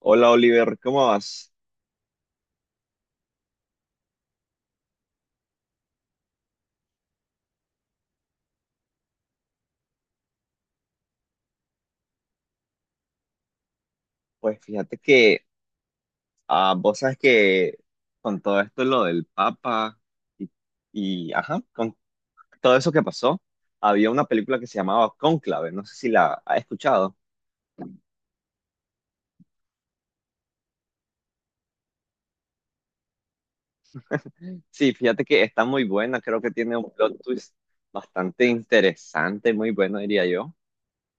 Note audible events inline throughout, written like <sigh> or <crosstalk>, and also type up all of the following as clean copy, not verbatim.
Hola Oliver, ¿cómo vas? Pues fíjate que vos sabes que con todo esto lo del Papa y, con todo eso que pasó, había una película que se llamaba Cónclave, no sé si la has escuchado. Sí, fíjate que está muy buena, creo que tiene un plot twist bastante interesante, muy bueno diría yo.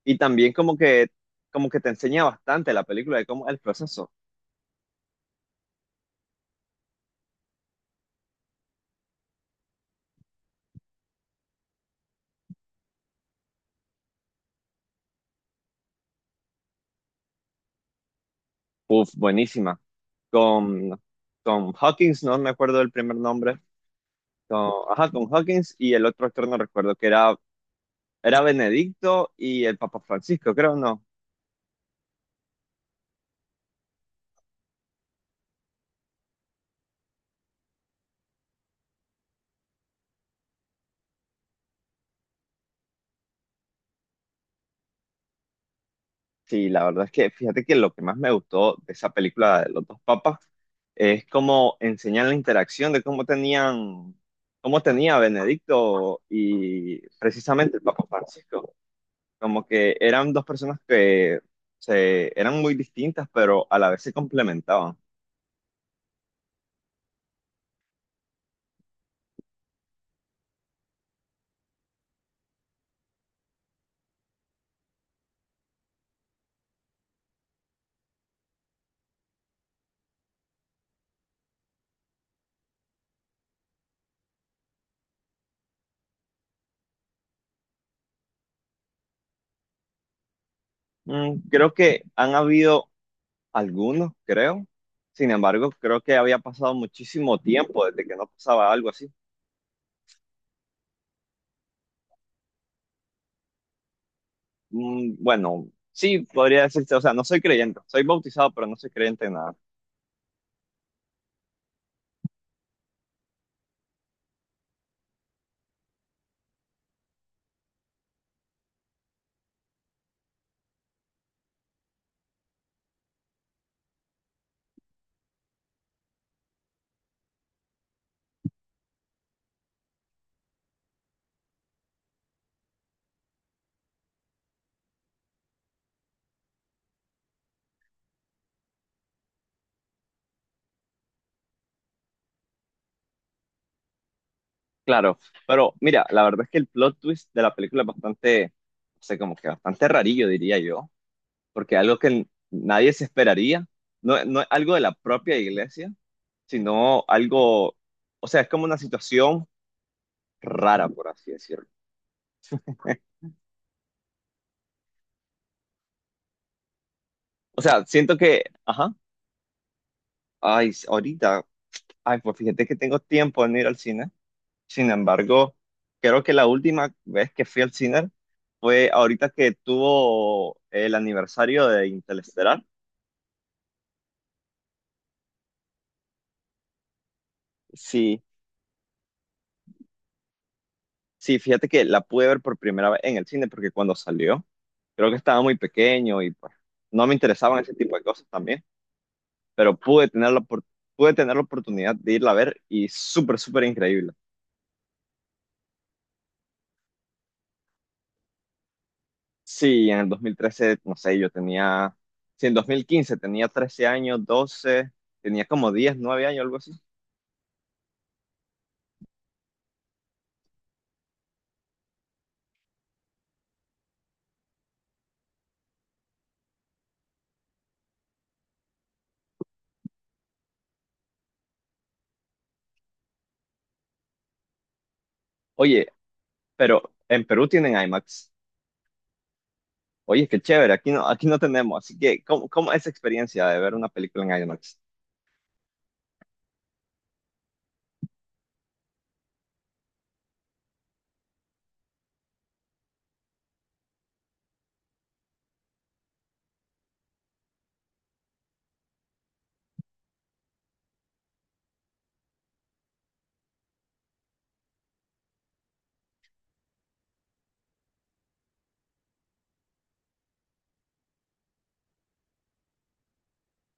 Y también como que te enseña bastante la película de cómo es el proceso. Uf, buenísima. Con, con Hawkins, no, no me acuerdo del primer nombre. Con Hawkins y el otro actor no recuerdo, que era Benedicto y el Papa Francisco, creo, ¿no? Sí, la verdad es que fíjate que lo que más me gustó de esa película de los dos papas es cómo enseñan la interacción de cómo tenía Benedicto y precisamente el Papa Francisco. Como que eran dos personas que eran muy distintas, pero a la vez se complementaban. Mm, creo que han habido algunos, creo. Sin embargo, creo que había pasado muchísimo tiempo desde que no pasaba algo así. Mm, bueno, sí, podría decirse, o sea, no soy creyente, soy bautizado, pero no soy creyente en nada. Claro, pero mira, la verdad es que el plot twist de la película es bastante, no sé, como que bastante rarillo, diría yo, porque algo que nadie se esperaría, no, no es algo de la propia iglesia, sino algo, o sea, es como una situación rara, por así decirlo. <laughs> O sea, siento que, ajá, ay, ahorita. Ay, pues fíjate que tengo tiempo en ir al cine. Sin embargo, creo que la última vez que fui al cine fue ahorita que tuvo el aniversario de Interestelar. Sí, sí, fíjate que la pude ver por primera vez en el cine porque cuando salió, creo que estaba muy pequeño y pues no me interesaban ese tipo de cosas también, pero pude tener la oportunidad de irla a ver y súper, súper increíble. Sí, en el 2013, no sé, yo tenía, sí, en 2015 tenía 13 años, 12, tenía como 10, 9 años, algo así. Oye, pero en Perú tienen IMAX. Oye, qué chévere, aquí no tenemos. Así que, ¿cómo, cómo es esa experiencia de ver una película en IMAX?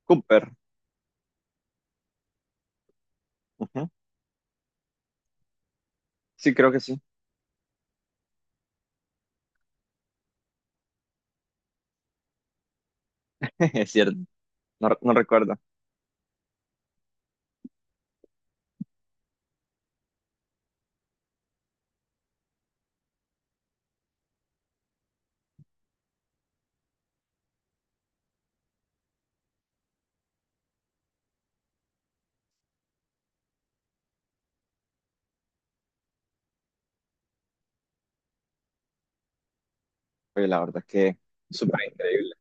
Cooper. Ujú. Sí, creo que sí. <laughs> Es cierto, no, no recuerdo. Oye, la verdad es que súper increíble.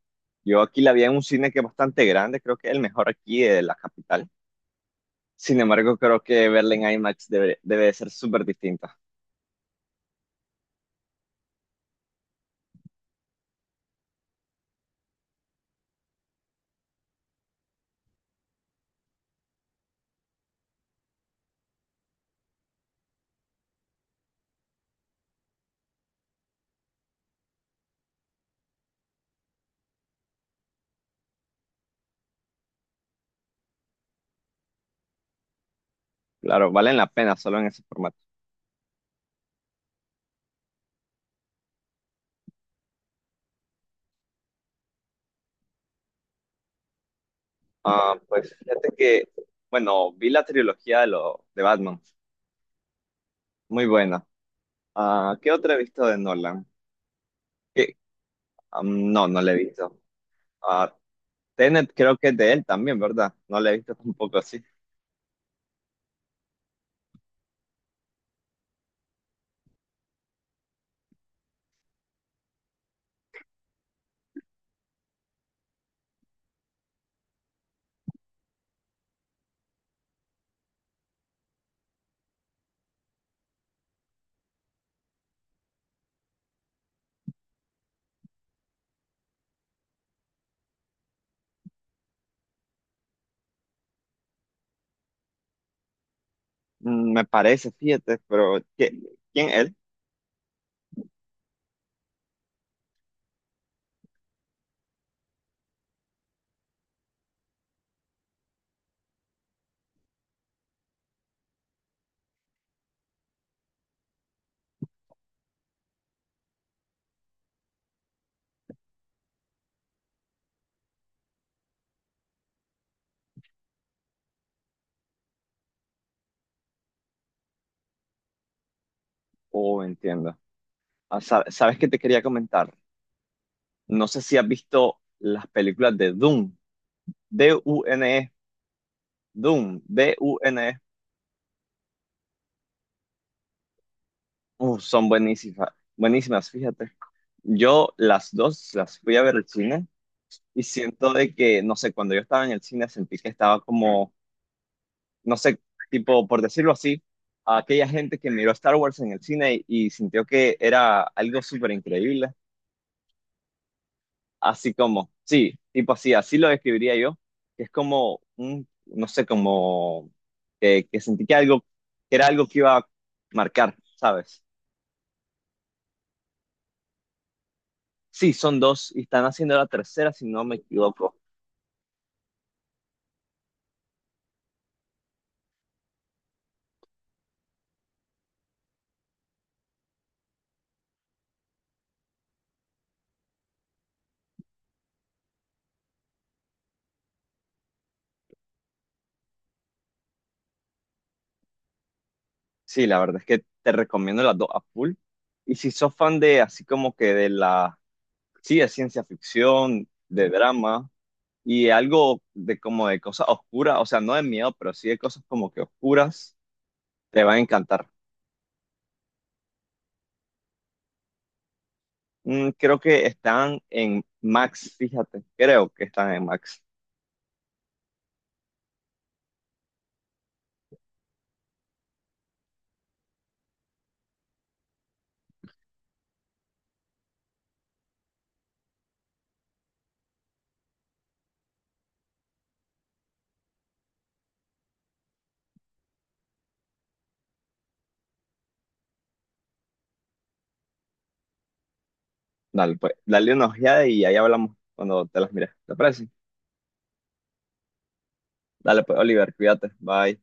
Yo aquí la vi en un cine que es bastante grande, creo que es el mejor aquí de la capital. Sin embargo, creo que verla en IMAX debe, debe de ser súper distinto. Claro, valen la pena solo en ese formato. Ah, pues fíjate que, bueno, vi la trilogía de Batman, muy buena. Ah, ¿qué otra he visto de Nolan? ¿Qué? Am, no, no la he visto. Ah, Tenet creo que es de él también, ¿verdad? No la he visto tampoco así. Mm, me parece, fíjate, pero ¿quién es? Oh, entiendo. ¿Sabes qué te quería comentar? No sé si has visto las películas de Dune, Dune, Dune, D-U-N-E. D U N E. Uf, son buenísimas, buenísimas, fíjate. Yo las dos las fui a ver al cine y siento de que, no sé, cuando yo estaba en el cine sentí que estaba como, no sé, tipo, por decirlo así, a aquella gente que miró Star Wars en el cine y sintió que era algo súper increíble, así como, sí, tipo así, así lo describiría yo, que es como, un, no sé, que sentí que era algo que iba a marcar, ¿sabes? Sí, son dos y están haciendo la tercera, si no me equivoco. Sí, la verdad es que te recomiendo las dos a full. Y si sos fan de así como que de la, sí, de ciencia ficción, de drama y algo de como de cosas oscuras, o sea, no de miedo, pero sí de cosas como que oscuras, te van a encantar. Mm, creo que están en Max, fíjate, creo que están en Max. Dale, pues, dale una ojeada y ahí hablamos cuando te las mires. ¿Te parece? Dale, pues, Oliver, cuídate. Bye.